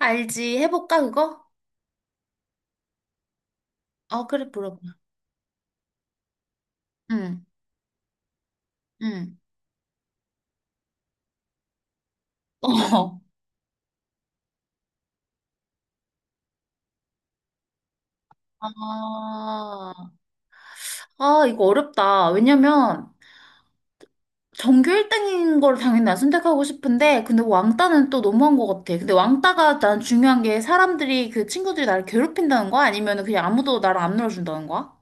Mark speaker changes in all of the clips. Speaker 1: 알지? 해볼까, 그거? 어, 그래, 물어봐. 응, 응. 어. 아, 아, 이거 어렵다. 왜냐면, 전교 1등인 걸 당연히 난 선택하고 싶은데, 근데 왕따는 또 너무한 것 같아. 근데 왕따가 난 중요한 게 사람들이, 그 친구들이 나를 괴롭힌다는 거야? 아니면 그냥 아무도 나를 안 놀아준다는 거야?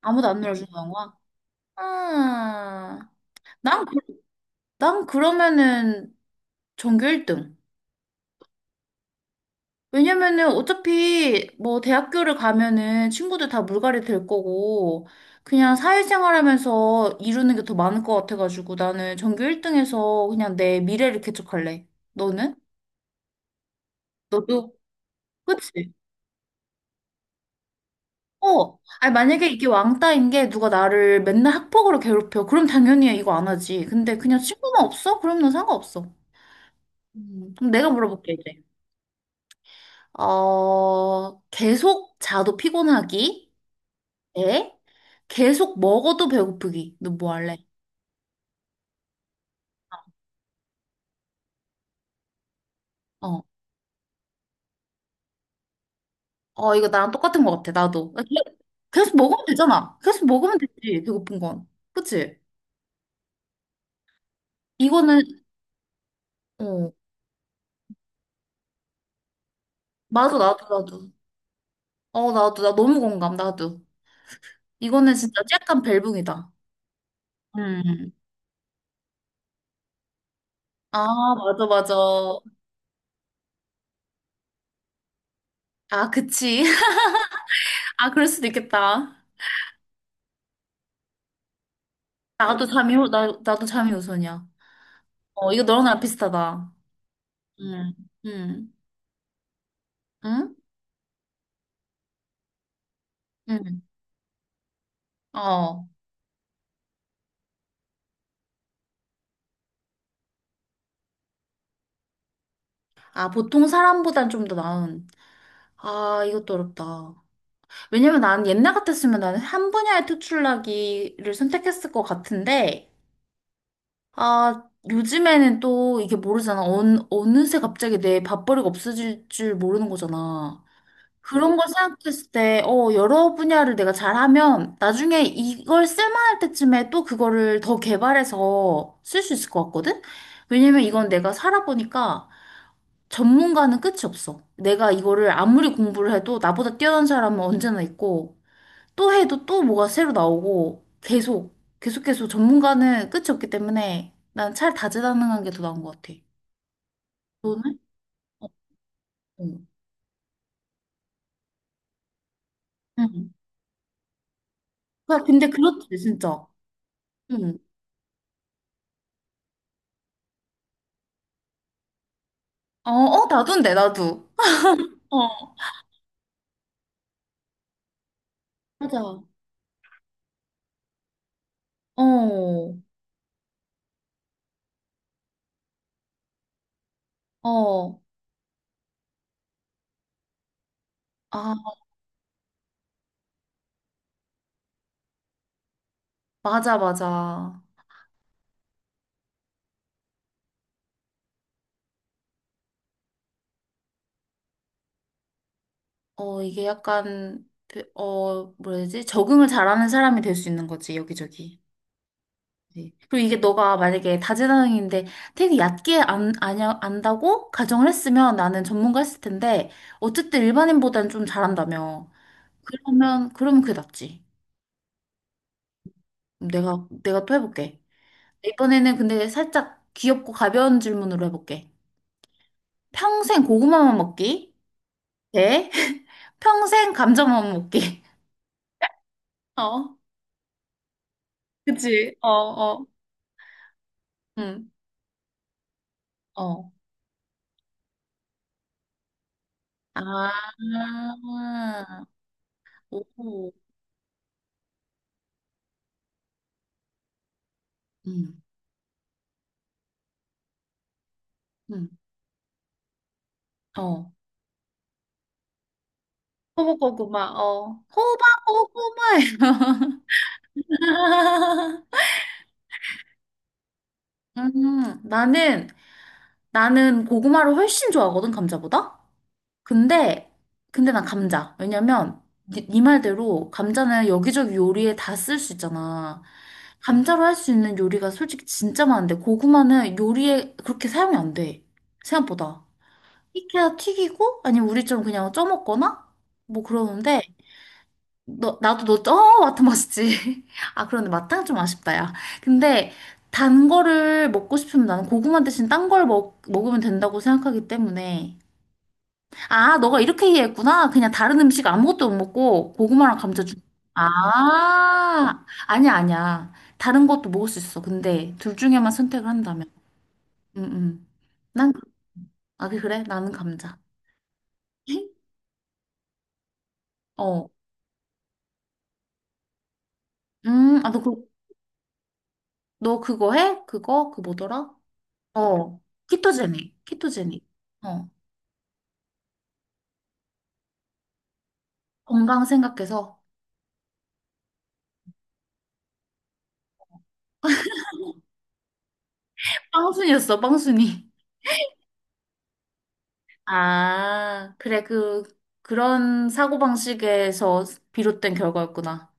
Speaker 1: 아무도 안 놀아준다는 거야? 아, 난, 그- 난 그러면은 전교 1등. 왜냐면은 어차피 뭐 대학교를 가면은 친구들 다 물갈이 될 거고 그냥 사회생활 하면서 이루는 게 더 많을 것 같아가지고 나는 전교 1등에서 그냥 내 미래를 개척할래. 너는? 너도? 그치? 어. 아니 만약에 이게 왕따인 게 누가 나를 맨날 학폭으로 괴롭혀. 그럼 당연히 이거 안 하지. 근데 그냥 친구만 없어? 그럼 난 상관없어. 그럼 내가 물어볼게 이제. 어, 계속 자도 피곤하기? 에? 계속 먹어도 배고프기. 너 뭐 할래? 어. 어, 이거 나랑 똑같은 것 같아, 나도. 계속 먹으면 되잖아. 계속 먹으면 되지, 배고픈 건. 그치? 이거는, 어. 맞아, 나도, 나도. 어, 나도, 나 너무 공감, 나도. 이거는 진짜 약간 벨붕이다. 음. 아, 맞아, 맞아. 아, 그치. 아, 그럴 수도 있겠다. 나도 잠이 우선이야. 어, 이거 너랑 나랑 비슷하다. 음. 음. 응? 응. 어. 아, 보통 사람보단 좀 더 나은. 아, 이것도 어렵다. 왜냐면 나는 옛날 같았으면 나는 한 분야에 특출나기를 선택했을 것 같은데, 아, 요즘에는 또 이게 모르잖아. 어느새 갑자기 내 밥벌이가 없어질 줄 모르는 거잖아. 그런 걸 생각했을 때, 어, 여러 분야를 내가 잘하면 나중에 이걸 쓸만할 때쯤에 또 그거를 더 개발해서 쓸 수 있을 것 같거든? 왜냐면 이건 내가 살아보니까 전문가는 끝이 없어. 내가 이거를 아무리 공부를 해도 나보다 뛰어난 사람은 언제나 있고 또 해도 또 뭐가 새로 나오고 계속 계속 계속 전문가는 끝이 없기 때문에 난 차라리 다재다능한 게 더 나은 것 같아. 너는? 어, 응. 응. 그래, 근데 그렇지 진짜. 응. 어, 어, 나도인데 나도. 어, 맞아. 어, 어. 아, 맞아, 맞아. 어, 이게 약간 그, 뭐라 해야 되지? 적응을 잘하는 사람이 될 수 있는 거지 여기저기. 네. 그리고 이게 너가 만약에 다재다능인데 되게 얕게 안, 아냐, 안다고 가정을 했으면 나는 전문가 했을 텐데 어쨌든 일반인보다는 좀 잘한다며. 그러면 그게 낫지. 내가 또 해볼게. 이번에는 근데 살짝 귀엽고 가벼운 질문으로 해볼게. 평생 고구마만 먹기? 네. 평생 감자만 먹기. 어. 그치? 어, 어. 응. 어. 아. 오. 응. 응. 어. 호박고구마, 호박고구마예요. 음, 나는, 나는 고구마를 훨씬 좋아하거든, 감자보다? 근데, 근데 난 감자. 왜냐면, 니 말대로 감자는 여기저기 요리에 다 쓸 수 있잖아. 감자로 할 수 있는 요리가 솔직히 진짜 많은데, 고구마는 요리에 그렇게 사용이 안 돼. 생각보다. 익혀야 튀기고, 아니면 우리처럼 그냥 쪄먹거나? 뭐 그러는데, 너, 나도 너, 마트 맛있지. 아, 그런데 마탕 좀 아쉽다, 야. 근데 단 거를 먹고 싶으면 나는 고구마 대신 딴 걸 먹으면 된다고 생각하기 때문에. 아, 너가 이렇게 이해했구나. 그냥 다른 음식 아무것도 못 먹고 고구마랑 감자 주. 아, 아니야, 아니야. 다른 것도 먹을 수 있어. 근데 둘 중에만 선택을 한다면. 응, 응. 난, 그- 아, 그래? 나는 감자. 어. 아, 너 그거 해? 그거? 그 뭐더라? 어, 키토제닉. 어, 건강 생각해서. 빵순이었어, 빵순이. 아, 그래, 그런 사고방식에서 비롯된 결과였구나.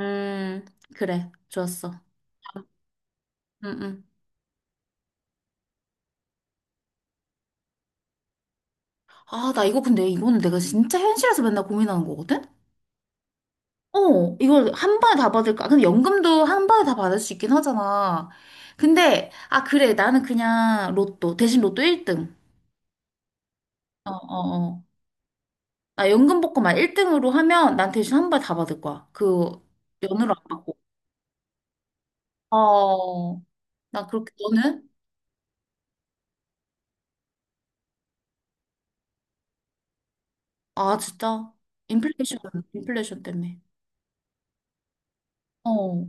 Speaker 1: 음, 그래, 좋았어. 응, 응. 아, 나 이거 근데 이거는 내가 진짜 현실에서 맨날 고민하는 거거든? 어, 이걸 한 번에 다 받을까? 근데 연금도 한 번에 다 받을 수 있긴 하잖아. 근데, 아, 그래, 나는 그냥 로또, 대신 로또 1등. 어, 어, 어. 나 연금복권만 1등으로 하면 난 대신 한발 다 받을 거야. 그 연으로 안 받고. 어, 나 그렇게 너는? 아, 진짜. 인플레이션, 인플레이션 때문에. 어.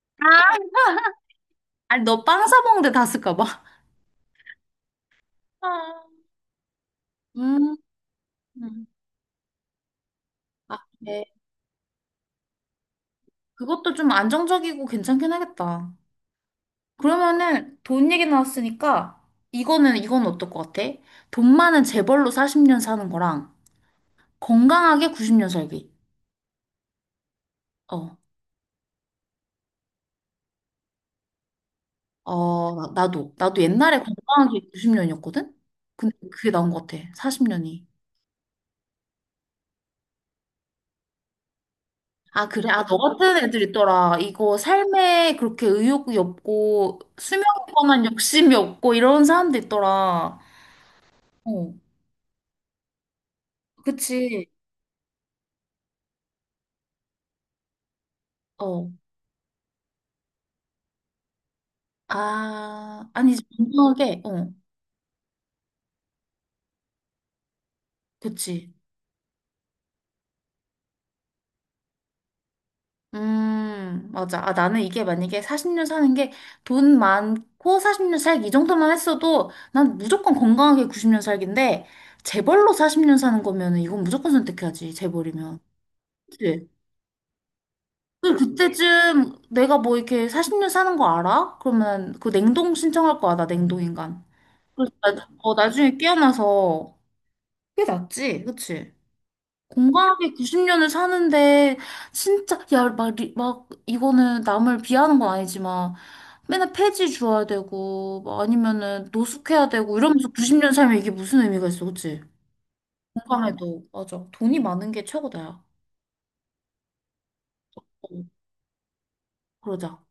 Speaker 1: 아, 아니, 너 빵 사 먹는데 다 쓸까 봐. 아. 음. 음. 아, 네. 그것도 좀 안정적이고 괜찮긴 하겠다. 그러면은 돈 얘기 나왔으니까 이거는 이건 어떨 것 같아? 돈 많은 재벌로 40년 사는 거랑 건강하게 90년 살기. 어. 어, 나도. 나도 옛날에 건강한 게 90년이었거든? 근데 그게 나온 것 같아. 40년이. 아, 그래? 아, 너 같은 애들 있더라. 이거 삶에 그렇게 의욕이 없고, 수명에 관한 욕심이 없고, 이런 사람도 있더라. 어, 그치. 어. 아, 아니지. 건강하게. 어, 그치. 맞아. 아, 나는 이게 만약에 40년 사는 게 돈 많고 40년 살기 이 정도만 했어도 난 무조건 건강하게 90년 살기인데 재벌로 40년 사는 거면 은 이건 무조건 선택해야지, 재벌이면. 그치? 그때쯤 내가 뭐 이렇게 40년 사는 거 알아? 그러면 그 냉동 신청할 거야, 나 냉동인간. 그래서 나, 나중에 깨어나서 그게 낫지, 그치? 건강하게 90년을 사는데 진짜 야 막 막 이거는 남을 비하하는 건 아니지만 맨날 폐지 주어야 되고 뭐 아니면은 노숙해야 되고 이러면서 90년 살면 이게 무슨 의미가 있어 그치? 건강해도 맞아 돈이 많은 게 최고다야. 어, 그러자.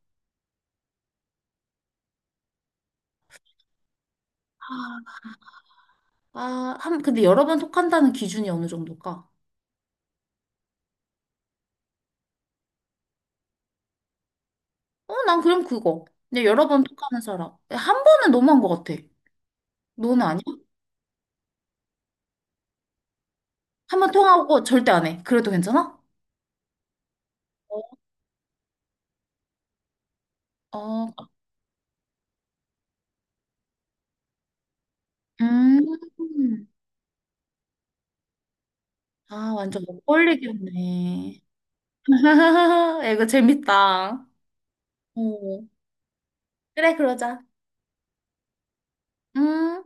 Speaker 1: 아 한 근데 여러 번 톡한다는 기준이 어느 정도일까? 어 난 그럼 그거 근데 여러 번 톡하는 사람 한 번은 너무한 것 같아. 너는 아니야? 한 번 통하고 절대 안 해 그래도 괜찮아? 어, 아, 음. 아, 완전 먹걸리겠네. 이거 재밌다. 어. 그래, 그러자. 음.